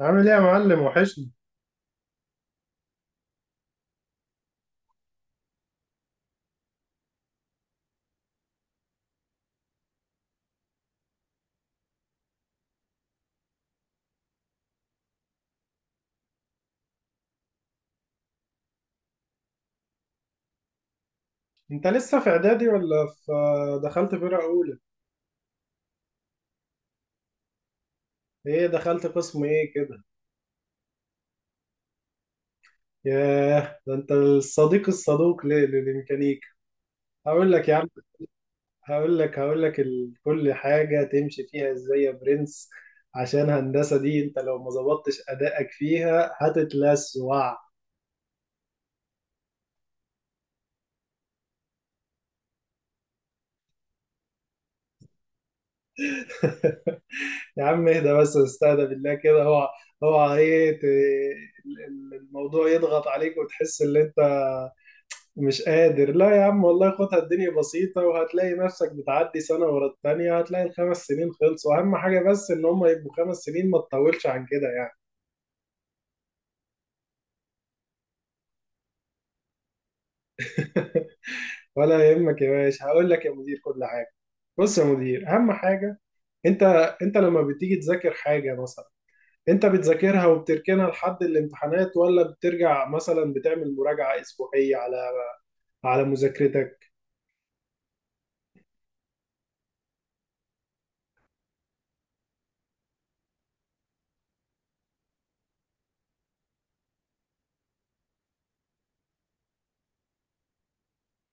عامل ايه يا معلم؟ وحشني. انت لسه في اعدادي ولا دخلت فرقة اولى؟ ايه، دخلت قسم ايه كده؟ ياه، ده انت الصديق الصدوق ليه للميكانيكا. هقول لك يا عم. هقول لك كل حاجة تمشي فيها ازاي يا برنس. عشان هندسة دي انت لو ما ظبطتش ادائك فيها هتتلسوع. يا عم اهدى بس، استهدى بالله كده. اوعى اوعى ايه الموضوع يضغط عليك وتحس ان انت مش قادر. لا يا عم والله، خدها الدنيا بسيطة، وهتلاقي نفسك بتعدي سنة ورا التانية، هتلاقي الخمس سنين خلصوا. أهم حاجة بس إن هم يبقوا 5 سنين، ما تطولش عن كده يعني. ولا يهمك يا باشا، هقول لك يا مدير كل حاجة. بص يا مدير، أهم حاجة، أنت أنت لما بتيجي تذاكر حاجة مثلا، أنت بتذاكرها وبتركنها لحد الامتحانات؟ ولا بترجع مثلا بتعمل مراجعة أسبوعية على مذاكرتك؟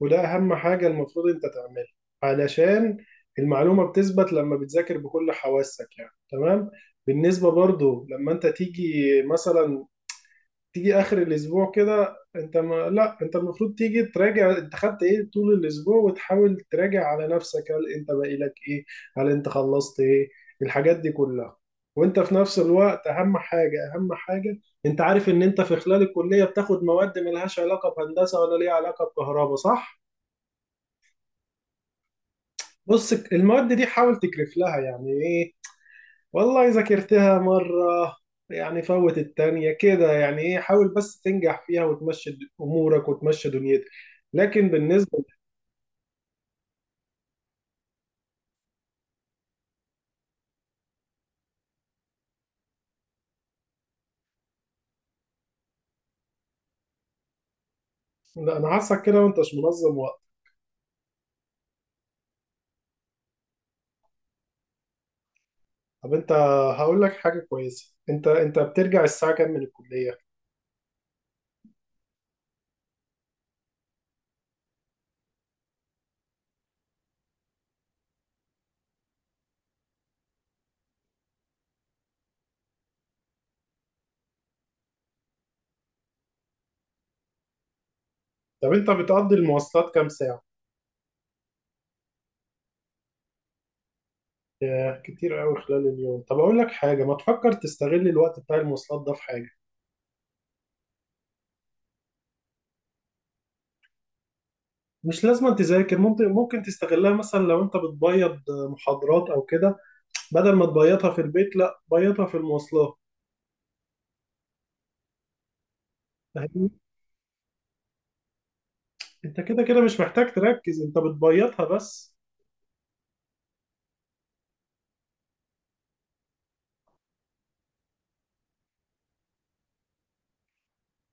وده أهم حاجة المفروض أنت تعملها، علشان المعلومة بتثبت لما بتذاكر بكل حواسك، يعني تمام. بالنسبة برضو لما أنت تيجي مثلا تيجي آخر الأسبوع كده، أنت ما لا، أنت المفروض تيجي تراجع أنت خدت إيه طول الأسبوع، وتحاول تراجع على نفسك، هل أنت باقي لك إيه؟ هل أنت خلصت إيه؟ الحاجات دي كلها. وأنت في نفس الوقت، أهم حاجة أهم حاجة، أنت عارف إن أنت في خلال الكلية بتاخد مواد ملهاش علاقة بهندسة ولا ليها علاقة بكهرباء صح؟ بص المواد دي حاول تكرف لها، يعني ايه، والله ذاكرتها مرة، يعني فوت التانية كده، يعني ايه، حاول بس تنجح فيها وتمشي امورك وتمشي دنيتك. لكن بالنسبة، لا انا حاسك كده، وانت مش منظم وقت. طب انت، هقول لك حاجة كويسة، انت بترجع الساعة كام من الكلية؟ طب انت بتقضي المواصلات كام ساعة؟ ياه كتير قوي خلال اليوم. طب اقول لك حاجة، ما تفكر تستغل الوقت بتاع المواصلات ده في حاجة؟ مش لازم تذاكر، ممكن تستغلها مثلا لو انت بتبيض محاضرات او كده. بدل ما تبيضها في البيت، لا بيضها في المواصلات. فاهمني؟ انت كده كده مش محتاج تركز، انت بتبيضها بس.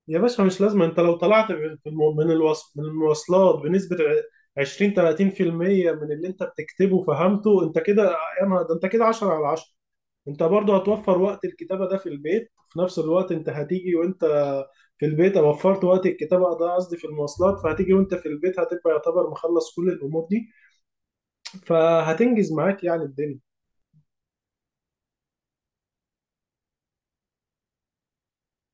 يا باشا مش لازم، انت لو طلعت في من المواصلات بنسبة 20 30% من اللي انت بتكتبه فهمته، انت كده يا نهار ده، انت كده 10 على 10. انت برضو هتوفر وقت الكتابة ده في البيت، في نفس الوقت انت هتيجي وانت في البيت، وفرت وقت الكتابة ده قصدي في المواصلات، فهتيجي وانت في البيت هتبقى يعتبر مخلص كل الامور دي، فهتنجز معاك يعني الدنيا.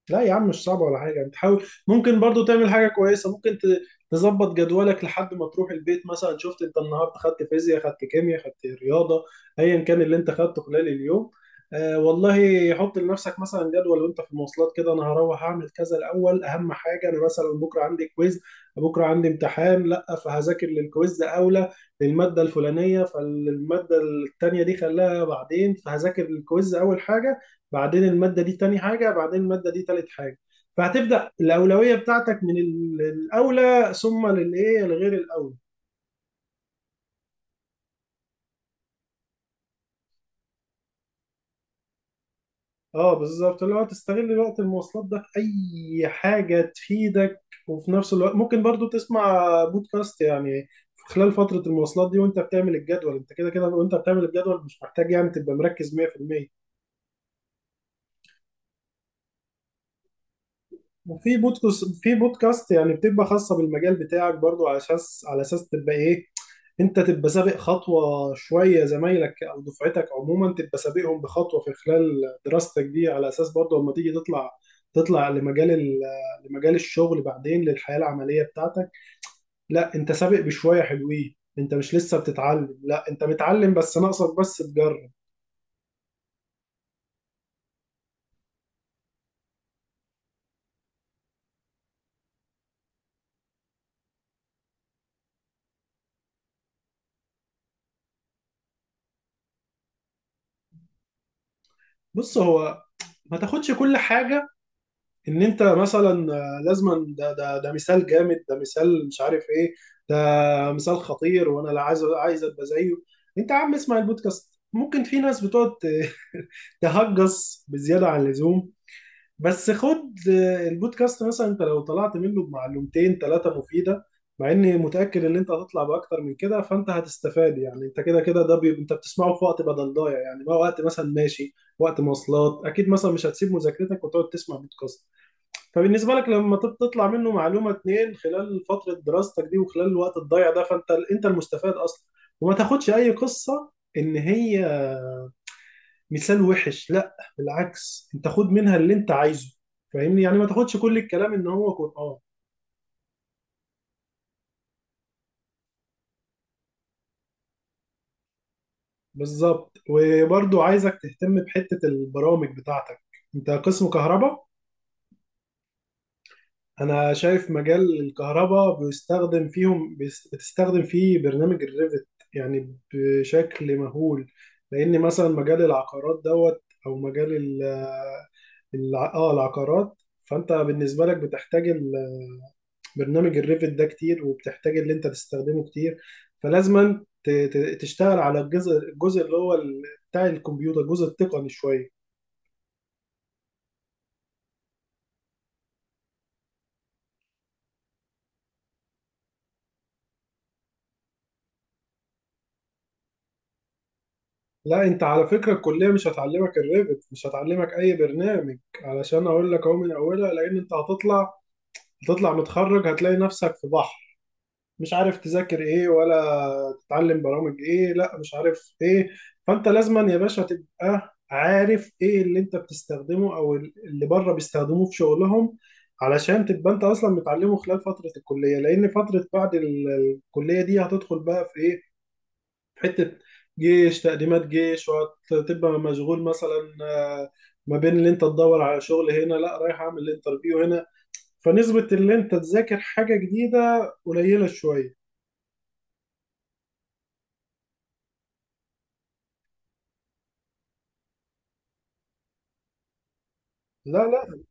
لا يا عم مش صعب ولا حاجة، انت حاول، ممكن برضو تعمل حاجة كويسة، ممكن تظبط جدولك لحد ما تروح البيت. مثلا شفت انت النهاردة خدت فيزياء، خدت كيمياء، خدت رياضة، ايا كان اللي انت خدته خلال اليوم. آه والله حط لنفسك مثلا جدول وانت في المواصلات كده. انا هروح اعمل كذا الاول، اهم حاجة انا مثلا بكرة عندي كويز، بكرة عندي امتحان، لا فهذاكر للكويز اولى للمادة الفلانية، فالمادة التانية دي خلاها بعدين. فهذاكر للكويز اول حاجة، بعدين المادة دي تاني حاجة، بعدين المادة دي تالت حاجة. فهتبدأ الأولوية بتاعتك من الأولى ثم للإيه، لغير الأولى. اه بالظبط، اللي هو تستغل وقت المواصلات ده في أي حاجة تفيدك. وفي نفس الوقت ممكن برضو تسمع بودكاست يعني في خلال فترة المواصلات دي وانت بتعمل الجدول، انت كده كده وانت بتعمل الجدول مش محتاج يعني تبقى مركز 100%. وفي بودكاست يعني بتبقى خاصة بالمجال بتاعك برضو، على اساس تبقى ايه، انت تبقى سابق خطوة شوية زمايلك او دفعتك عموما، تبقى سابقهم بخطوة في خلال دراستك دي، على اساس برضو لما تيجي تطلع لمجال الشغل بعدين، للحياة العملية بتاعتك. لا انت سابق بشوية حلوين، انت مش لسه بتتعلم، لا انت متعلم بس ناقصك بس تجرب. بص هو، ما تاخدش كل حاجة، ان انت مثلا لازما ده مثال جامد، ده مثال مش عارف ايه، ده مثال خطير، وانا لا عايز ابقى زيه. انت يا عم اسمع البودكاست، ممكن في ناس بتقعد تهجص بزياده عن اللزوم. بس خد البودكاست مثلا، انت لو طلعت منه بمعلومتين ثلاثه مفيده، مع اني متاكد ان انت هتطلع باكتر من كده، فانت هتستفاد يعني. انت كده كده انت بتسمعه في وقت بدل ضايع يعني، ما وقت مثلا ماشي وقت مواصلات اكيد، مثلا مش هتسيب مذاكرتك وتقعد تسمع بودكاست. فبالنسبة لك لما تطلع منه معلومة اتنين خلال فترة دراستك دي وخلال الوقت الضايع ده، فانت انت المستفاد اصلا. وما تاخدش اي قصة ان هي مثال وحش، لا بالعكس انت خد منها اللي انت عايزه. فاهمني؟ يعني ما تاخدش كل الكلام ان هو قرآن. بالظبط، وبرضو عايزك تهتم بحتة البرامج بتاعتك. انت قسم كهرباء، انا شايف مجال الكهرباء بتستخدم فيه برنامج الريفت يعني بشكل مهول، لان مثلا مجال العقارات دوت او مجال العقارات. فانت بالنسبه لك بتحتاج برنامج الريفت ده كتير، وبتحتاج اللي انت تستخدمه كتير. فلازما تشتغل على الجزء اللي هو بتاع الكمبيوتر، الجزء التقني شويه. لا انت على فكره الكليه مش هتعلمك الريفت، مش هتعلمك اي برنامج، علشان اقول لك اهو من اولها، لان انت هتطلع متخرج هتلاقي نفسك في بحر، مش عارف تذاكر ايه ولا تتعلم برامج ايه لا مش عارف ايه. فانت لازما يا باشا تبقى عارف ايه اللي انت بتستخدمه او اللي بره بيستخدموه في شغلهم، علشان تبقى انت اصلا متعلمه خلال فتره الكليه، لان فتره بعد الكليه دي هتدخل بقى في ايه، في حتة جيش تقديمات جيش، وهتبقى مشغول مثلا ما بين اللي انت تدور على شغل هنا، لا رايح اعمل انترفيو هنا، فنسبة اللي انت تذاكر حاجة جديدة قليلة شوية. لا لا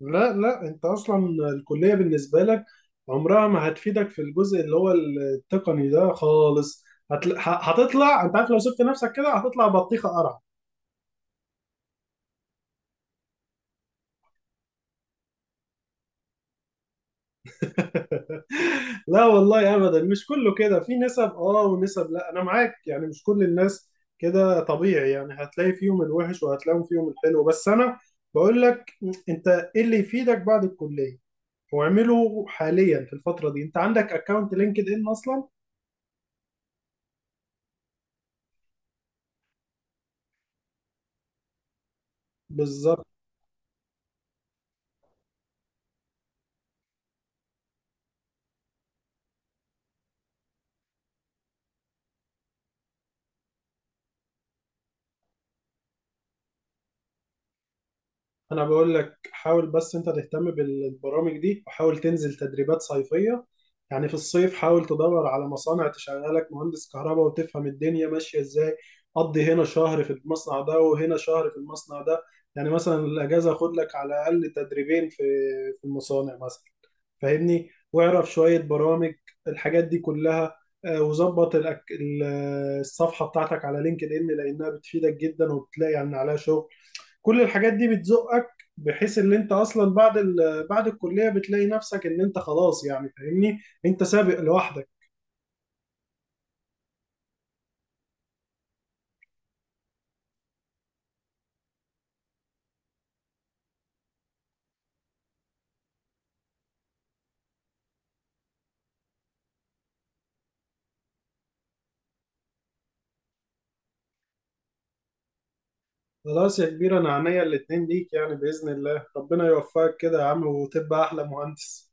لا لا، انت اصلا الكلية بالنسبة لك عمرها ما هتفيدك في الجزء اللي هو التقني ده خالص. هتل... ه- هتطلع، انت عارف لو سبت نفسك كده هتطلع بطيخة قرع. لا والله ابدا مش كله كده، في نسب ونسب، لا انا معاك يعني مش كل الناس كده، طبيعي يعني هتلاقي فيهم الوحش وهتلاقي فيهم الحلو، بس انا بقول لك، انت ايه اللي يفيدك بعد الكلية، واعمله حاليا في الفترة دي، انت عندك اكونت لينكد ان اصلا. بالظبط. انا بقول لك حاول بس انت تهتم بالبرامج دي، وحاول تنزل تدريبات صيفية، يعني في الصيف حاول تدور على مصانع تشغلك مهندس كهرباء وتفهم الدنيا ماشية ازاي. قضي هنا شهر في المصنع ده وهنا شهر في المصنع ده، يعني مثلا الاجازة خد لك على الاقل تدريبين في المصانع مثلا، فاهمني؟ واعرف شوية برامج، الحاجات دي كلها. وظبط الصفحة بتاعتك على لينكد ان، لانها بتفيدك جدا، وبتلاقي يعني عليها شغل. كل الحاجات دي بتزقك بحيث ان انت اصلا بعد الكليه بتلاقي نفسك ان انت خلاص، يعني فاهمني، انت سابق لوحدك. خلاص يا كبير انا عينيا الاتنين ليك، يعني باذن الله ربنا يوفقك كده يا عم، وتبقى احلى مهندس.